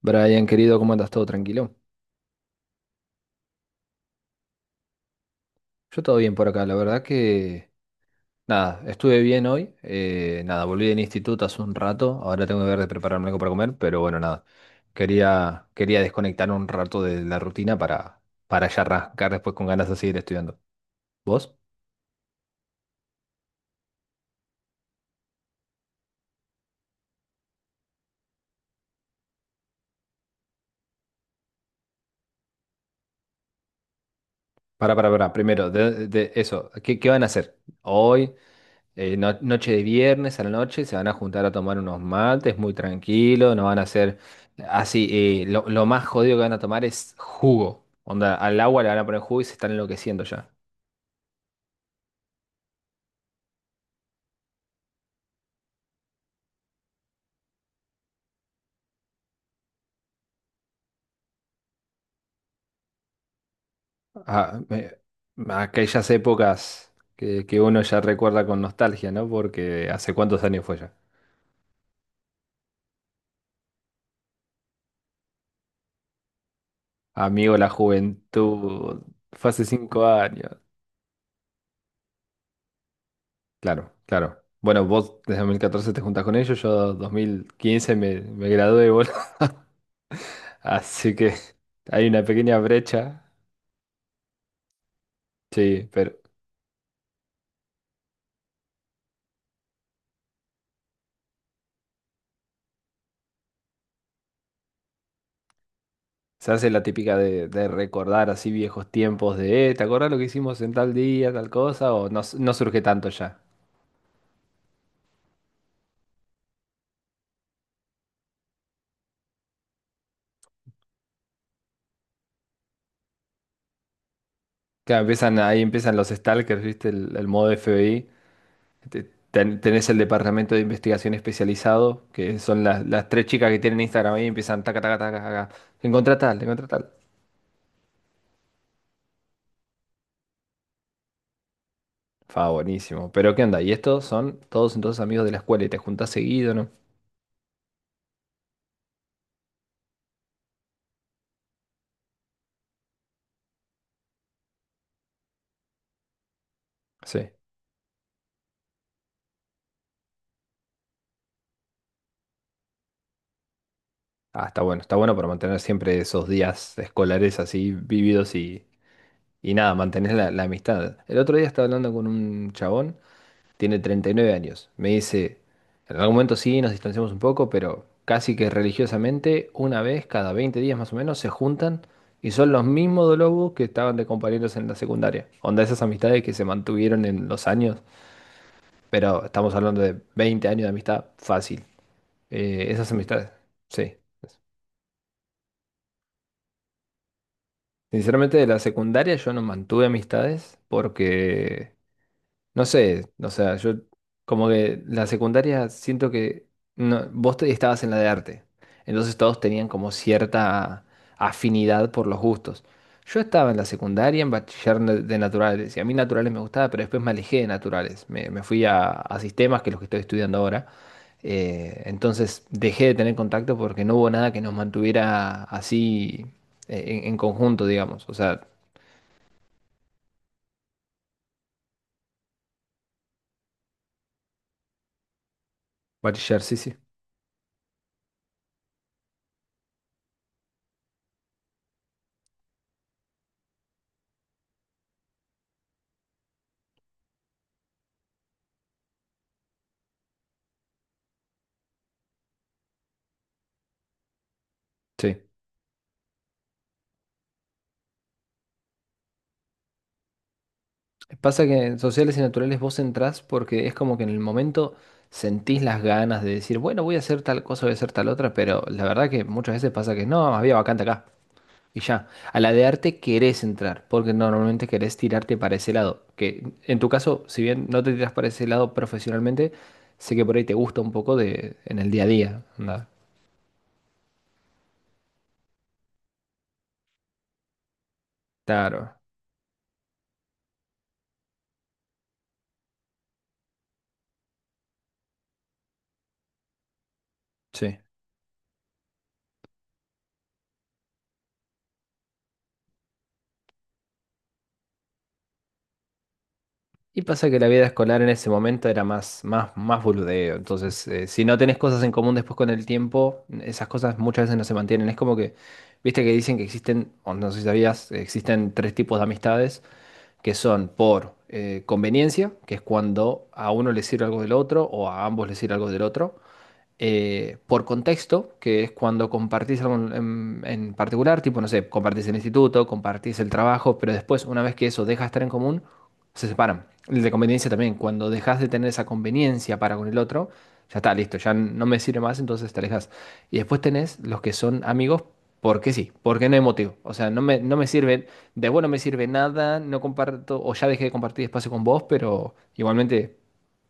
Brian, querido, ¿cómo andas? ¿Todo tranquilo? Yo todo bien por acá, la verdad que nada, estuve bien hoy, nada, volví del instituto hace un rato, ahora tengo que ver de prepararme algo para comer, pero bueno, nada, quería desconectar un rato de la rutina para ya arrancar después con ganas de seguir estudiando. ¿Vos? Para, primero, de eso, ¿qué van a hacer? ¿Hoy? ¿ Noche de viernes a la noche se van a juntar a tomar unos mates muy tranquilo, no van a hacer así, lo más jodido que van a tomar es jugo. Onda, al agua le van a poner jugo y se están enloqueciendo ya. Ah, me- Aquellas épocas que uno ya recuerda con nostalgia, ¿no? Porque hace cuántos años fue ya. Amigo, la juventud, fue hace cinco años. Claro, claro. Bueno, vos desde 2014 te juntas con ellos, yo 2015 me gradué, boludo. Así que hay una pequeña brecha. Sí, pero se hace la típica de recordar así viejos tiempos de, ¿te acordás lo que hicimos en tal día, tal cosa? O no, no surge tanto ya. Claro, empiezan, ahí empiezan los stalkers, ¿viste? El modo FBI. Te- Tenés el departamento de investigación especializado, que son las tres chicas que tienen Instagram ahí y empiezan, taca, taca, taca, taca. Encontrá tal, encontrá tal. Fa, buenísimo. Pero ¿qué onda? Y estos son todos entonces amigos de la escuela y te juntás seguido, ¿no? Sí. Ah, está bueno para mantener siempre esos días escolares así vividos y nada, mantener la, la amistad. El otro día estaba hablando con un chabón, tiene 39 años. Me dice, en algún momento sí, nos distanciamos un poco, pero casi que religiosamente, una vez cada 20 días más o menos, se juntan y son los mismos lobos que estaban de compañeros en la secundaria. Onda, esas amistades que se mantuvieron en los años, pero estamos hablando de 20 años de amistad fácil. Esas amistades, sí. Sinceramente, de la secundaria yo no mantuve amistades porque, no sé, o sea, yo como que la secundaria siento que estabas en la de arte, entonces todos tenían como cierta afinidad por los gustos. Yo estaba en la secundaria en de naturales y a mí naturales me gustaba, pero después me alejé de naturales, me fui a sistemas, que es lo que estoy estudiando ahora, entonces dejé de tener contacto porque no hubo nada que nos mantuviera así en conjunto, digamos. O sea, bachiller, sí, sí. Sí. Pasa que en sociales y naturales vos entrás porque es como que en el momento sentís las ganas de decir, bueno, voy a hacer tal cosa, voy a hacer tal otra, pero la verdad que muchas veces pasa que no, había vacante acá. Y ya. A la de arte querés entrar, porque normalmente querés tirarte para ese lado. Que en tu caso, si bien no te tiras para ese lado profesionalmente, sé que por ahí te gusta un poco de en el día a día. Onda, claro. Sí. Y pasa que la vida escolar en ese momento era más boludeo. Entonces, si no tenés cosas en común después con el tiempo, esas cosas muchas veces no se mantienen. Es como que, viste que dicen que existen, o no sé si sabías, existen tres tipos de amistades que son por conveniencia, que es cuando a uno le sirve algo del otro o a ambos les sirve algo del otro, por contexto, que es cuando compartís algo en particular, tipo, no sé, compartís el instituto, compartís el trabajo, pero después, una vez que eso deja de estar en común, se separan. El de conveniencia también, cuando dejas de tener esa conveniencia para con el otro, ya está, listo, ya no me sirve más, entonces te alejas. Y después tenés los que son amigos porque sí, porque no hay motivo. O sea, no me sirve, de vos no me sirve nada, no comparto, o ya dejé de compartir espacio con vos, pero igualmente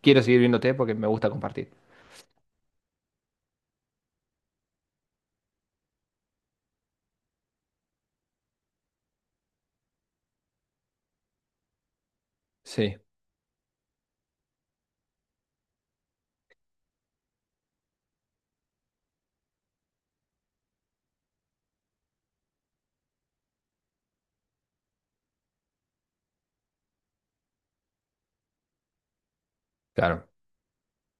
quiero seguir viéndote porque me gusta compartir. Sí, claro.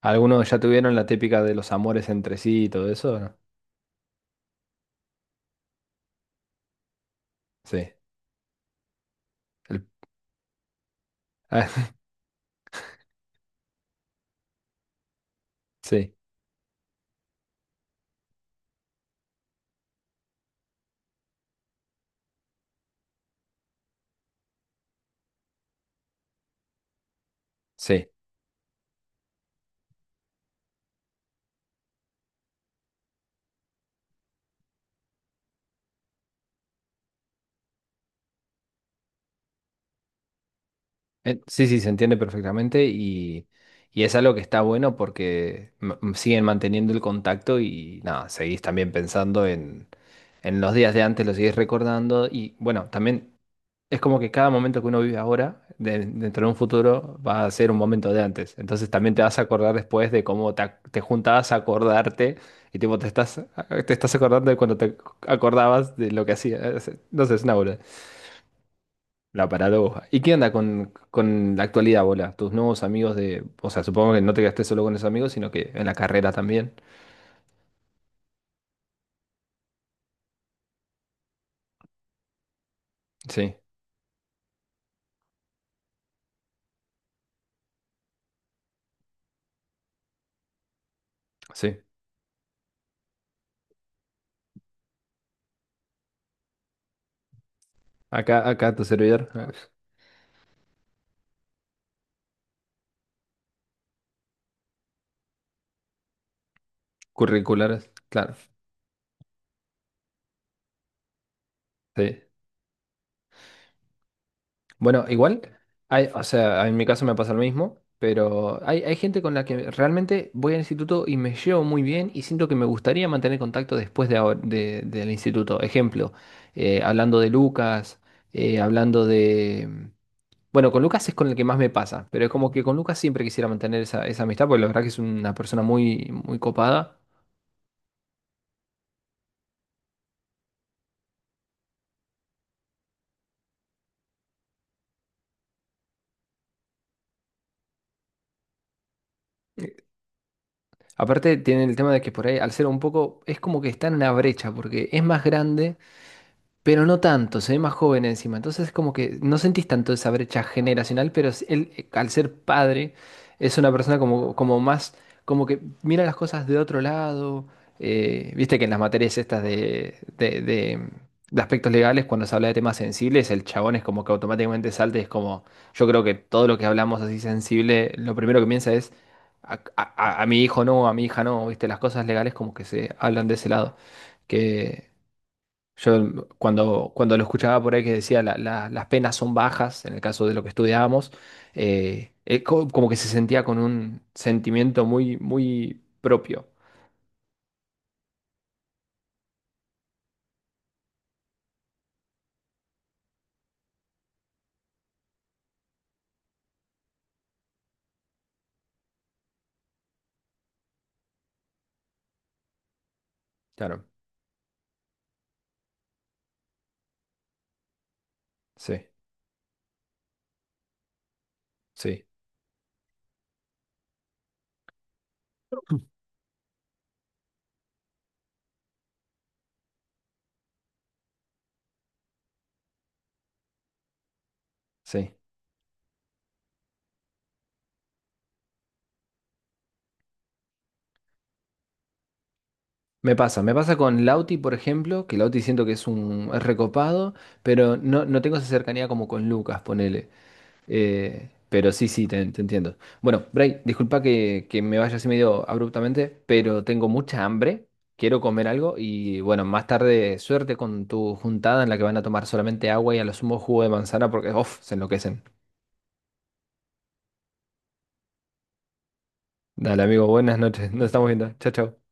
¿Algunos ya tuvieron la típica de los amores entre sí y todo eso? ¿O no? Sí. El- sí, sí. Sí, sí, se entiende perfectamente y es algo que está bueno porque siguen manteniendo el contacto y nada, seguís también pensando en los días de antes, los seguís recordando y bueno, también es como que cada momento que uno vive ahora, dentro de un futuro, va a ser un momento de antes. Entonces también te vas a acordar después de cómo te juntabas a acordarte y tipo te estás acordando de cuando te acordabas de lo que hacías. No sé, es una bola. La paradoja. ¿Y qué onda con la actualidad, bola? Tus nuevos amigos de... O sea, supongo que no te quedaste solo con esos amigos, sino que en la carrera también. Sí, sí. Acá, acá tu servidor. Eh, curriculares. Claro. Sí. Bueno, igual, hay, o sea, en mi caso me pasa lo mismo, pero hay gente con la que realmente voy al instituto y me llevo muy bien y siento que me gustaría mantener contacto después de, del instituto. Ejemplo, hablando de Lucas, hablando de... Bueno, con Lucas es con el que más me pasa, pero es como que con Lucas siempre quisiera mantener esa, esa amistad, porque la verdad que es una persona muy, muy copada. Aparte, tiene el tema de que por ahí, al ser un poco, es como que está en una brecha, porque es más grande pero no tanto, se ve más joven encima. Entonces es como que no sentís tanto esa brecha generacional, pero él, al ser padre, es una persona como, como más, como que mira las cosas de otro lado. Eh, viste que en las materias estas de aspectos legales, cuando se habla de temas sensibles, el chabón es como que automáticamente salta y es como, yo creo que todo lo que hablamos así sensible, lo primero que piensa es... A, a mi hijo no, a mi hija no, viste, las cosas legales como que se hablan de ese lado que, yo cuando, cuando lo escuchaba por ahí que decía Las penas son bajas, en el caso de lo que estudiábamos, como que se sentía con un sentimiento muy, muy propio. Claro, sí, sí, sí. Me pasa con Lauti, por ejemplo, que Lauti siento que es un es recopado, pero no, no tengo esa cercanía como con Lucas, ponele. Pero sí, sí, te entiendo. Bueno, Bray, disculpa que me vaya así medio abruptamente, pero tengo mucha hambre, quiero comer algo y bueno, más tarde suerte con tu juntada en la que van a tomar solamente agua y a lo sumo jugo de manzana porque, uff, se enloquecen. Dale, amigo, buenas noches, nos estamos viendo. Chao, chao.